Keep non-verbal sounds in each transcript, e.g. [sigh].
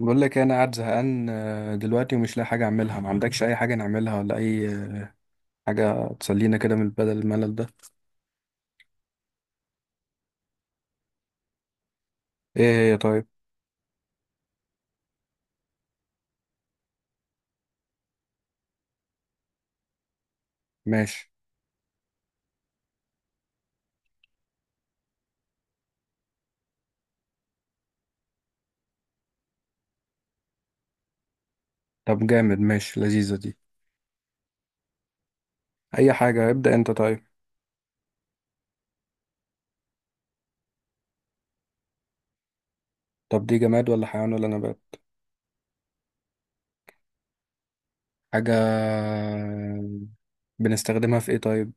بقول لك إيه، انا قاعد زهقان دلوقتي ومش لاقي حاجه اعملها. ما عندكش اي حاجه نعملها ولا اي حاجه تسلينا كده من بدل الملل ده؟ ايه هي طيب؟ ماشي. طب جامد، ماشي، لذيذه دي. اي حاجه، ابدا انت طيب. طب دي جماد ولا حيوان ولا نبات؟ حاجه. بنستخدمها في ايه طيب؟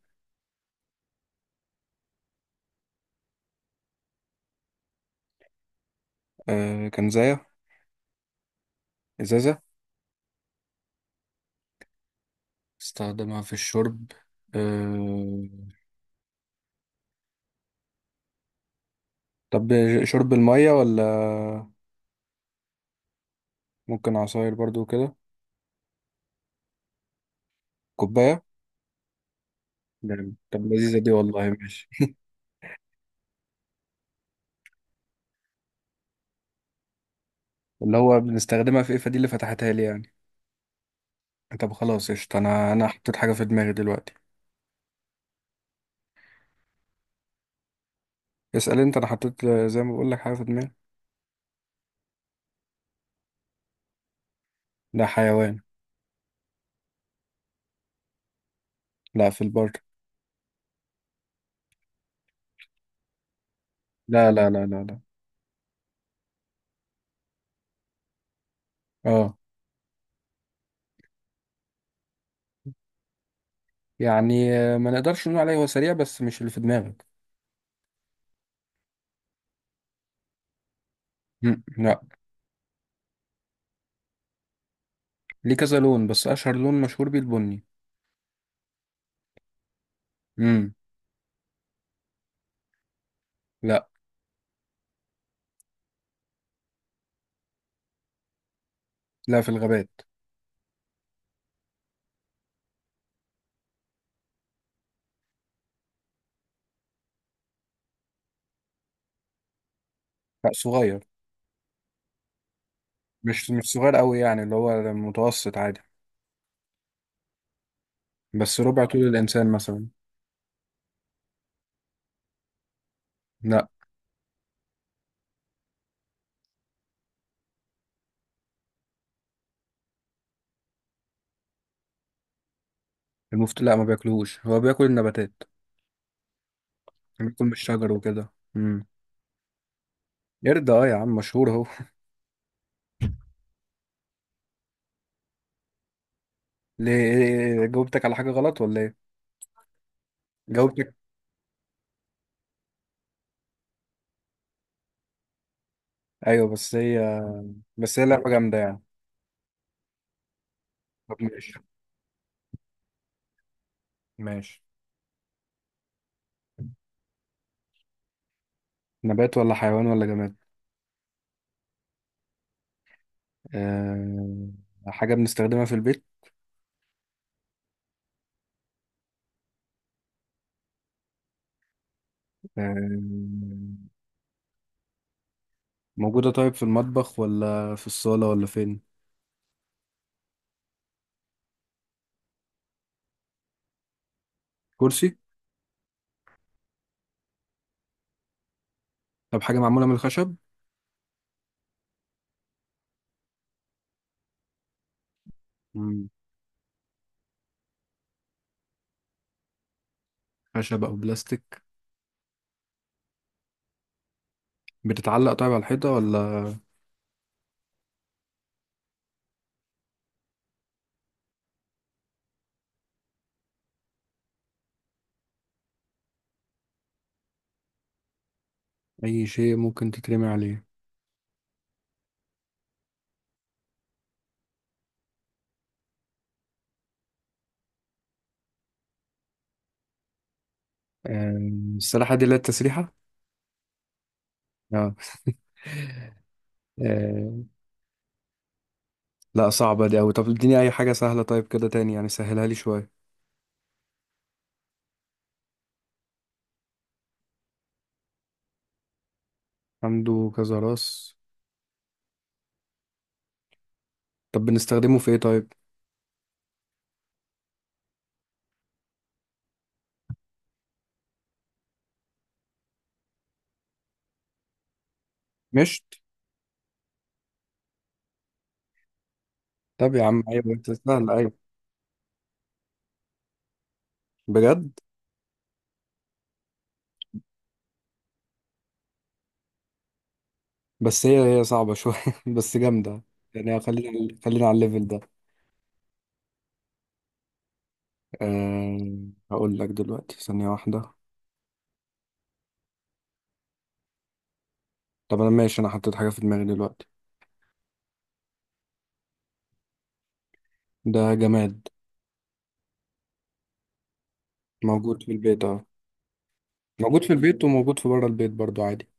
آه، كنزايه؟ ازازه؟ استخدمها في الشرب. آه. طب شرب الميه ولا؟ ممكن عصاير برضو كده. كوبايه. جامد. طب لذيذه دي والله، ماشي. اللي هو بنستخدمها في ايه، فدي اللي فتحتها لي يعني. طب خلاص قشطة، انا حطيت حاجة في دماغي دلوقتي. اسأل انت، انا حطيت زي ما بقول لك حاجة في دماغي. لا، حيوان. لا، في البر. لا، لا، لا، لا، لا. اه. يعني ما نقدرش نقول عليه هو سريع بس مش اللي في دماغك. مم. لا. ليه كذا لون، بس اشهر لون مشهور بيه البني. امم لا، لا، في الغابات. لا، صغير. مش صغير قوي، يعني اللي هو متوسط عادي. بس ربع طول الانسان مثلا. لا. لا، ما بياكلهوش، هو بياكل النباتات. بيكون بالشجر وكده. قرد، اه يا عم، مشهور اهو. ليه إيه، جاوبتك على حاجة غلط ولا ايه؟ جاوبتك. ايوه، بس هي. بس هي لعبة جامدة يعني. طب ماشي. ماشي. نبات ولا حيوان ولا جماد؟ أه... حاجة بنستخدمها في البيت. أه... موجودة. طيب في المطبخ ولا في الصالة ولا فين؟ كرسي؟ طب حاجة معمولة من الخشب؟ مم. خشب أو بلاستيك. بتتعلق طيب على الحيطة ولا؟ أي شيء ممكن تترمي عليه. أه... السلاحة دي اللي هي التسريحة؟ اه. آه، لا صعبة دي أوي، طب اديني أي حاجة سهلة طيب كده تاني، يعني سهلها لي شوية. عنده كذا راس؟ طب بنستخدمه في إيه طيب؟ مشت. طب يا عم أيوة، أنت سهلة، أيوة. بجد؟ بس هي صعبة شوية. [laughs] بس جامدة. يعني خلينا على الليفل ده. أه... هقول لك دلوقتي ثانية واحدة. طب أنا ماشي، أنا حطيت حاجة في دماغي دلوقتي. ده جماد موجود في البيت، أه. موجود في البيت وموجود في بره البيت برضو عادي.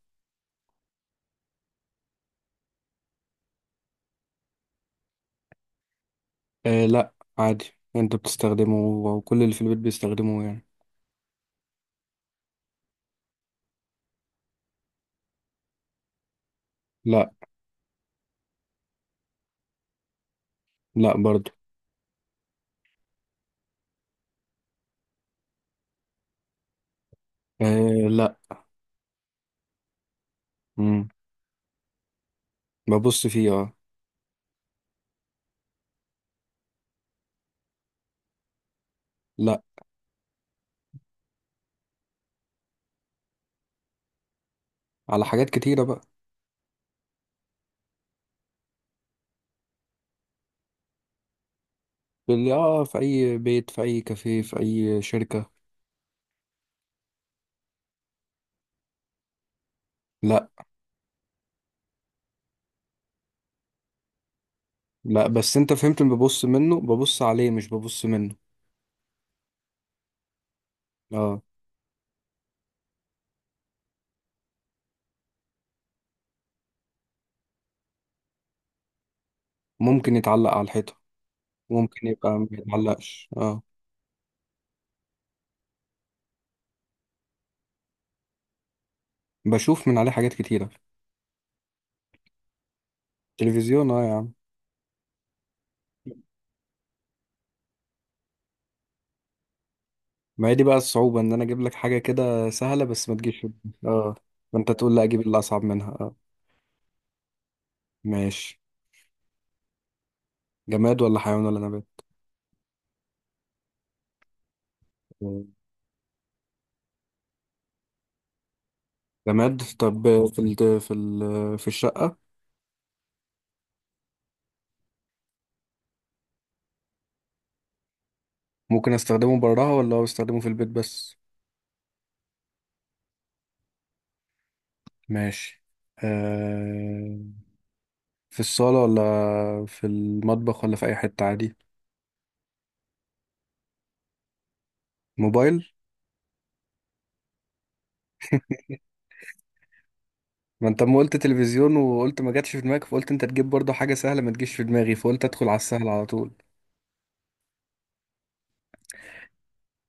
أه لا، عادي. أنت بتستخدمه وكل اللي في البيت بيستخدموه يعني. لا. لا برضو. آه لا. مم. ببص فيه، اه. لا. على حاجات كتيرة بقى. في اللي اه في اي بيت، في اي كافيه، في اي شركة. لا. لا، بس انت فهمت اللي ببص منه، ببص عليه مش ببص منه. اه. ممكن يتعلق على الحيطة. ممكن يبقى ما يتعلقش، اه. بشوف من عليه حاجات كتيرة. تلفزيون، اه يا عم. ما هي دي بقى الصعوبة، ان انا اجيب لك حاجة كده سهلة بس ما تجيش في بالك. اه. فانت تقول لا، اجيب اللي اصعب منها، اه. ماشي. جماد ولا حيوان ولا نبات؟ جماد. طب في الشقة؟ ممكن استخدمه براها، ولا هو استخدمه في البيت بس؟ ماشي. آه. في الصالة ولا في المطبخ ولا في أي حتة عادي؟ موبايل. ما انت ما قلت تلفزيون وقلت ما جاتش في دماغك، فقلت انت تجيب برضه حاجة سهلة ما تجيش في دماغي، فقلت ادخل على السهل على طول.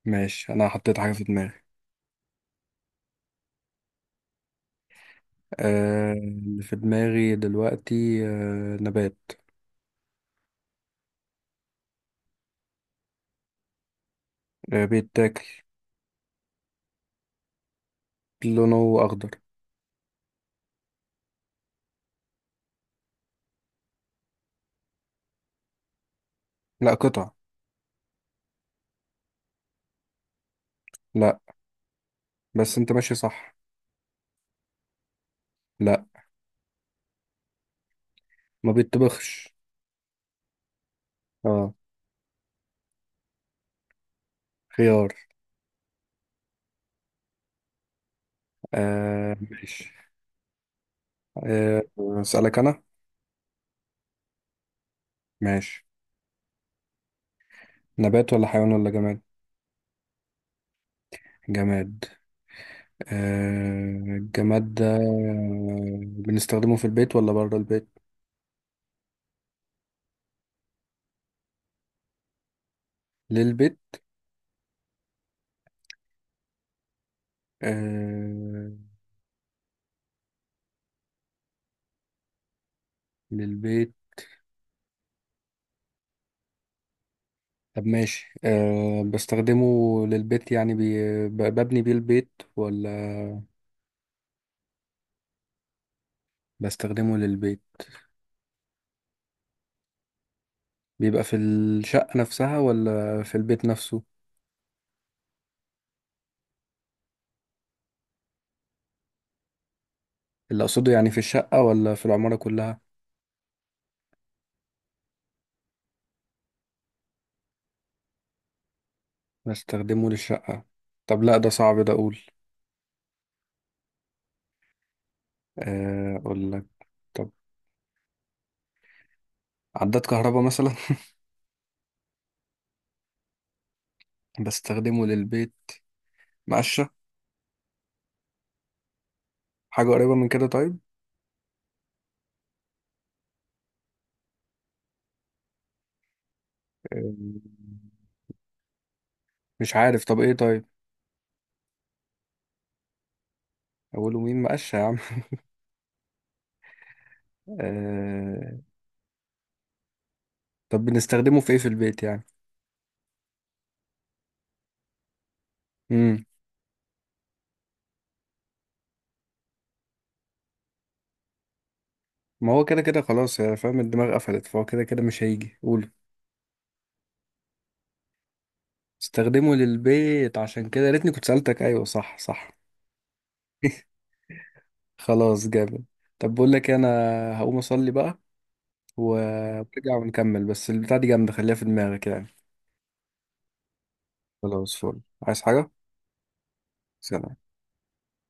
ماشي، انا حطيت حاجة في دماغي. اللي في دماغي دلوقتي نبات. آه، بيتاكل. لونه اخضر. لا، قطع. لا. بس انت ماشي صح. لا. ما بيتطبخش. اه. خيار. آه، ماشي. آه، اسألك انا. ماشي. نبات ولا حيوان ولا جماد؟ جماد. الجماد ده بنستخدمه في البيت ولا بره البيت؟ للبيت. آه. للبيت. طب ماشي، بستخدمه للبيت يعني ببني بيه البيت ولا؟ بستخدمه للبيت. بيبقى في الشقة نفسها ولا في البيت نفسه؟ اللي أقصده يعني في الشقة ولا في العمارة كلها؟ بستخدمه للشقة. طب لا، ده صعب ده، أقول. أقول لك. طب، عداد كهرباء مثلا؟ [laughs] بستخدمه للبيت. مقشة؟ حاجة قريبة من كده طيب؟ آه، مش عارف، طب إيه طيب؟ أقوله مين؟ مقشة يا عم. آه، طب بنستخدمه في إيه في البيت يعني؟ مم. ما هو كده كده خلاص يا فاهم، الدماغ قفلت، فهو كده كده مش هيجي، قوله. استخدمه للبيت، عشان كده يا ريتني كنت سألتك. أيوه، صح، صح. خلاص جامد. طب بقول لك إيه، أنا هقوم أصلي بقى ونرجع ونكمل، بس البتاع دي جامدة، خليها في دماغك يعني. خلاص فل، عايز حاجة؟ سلام.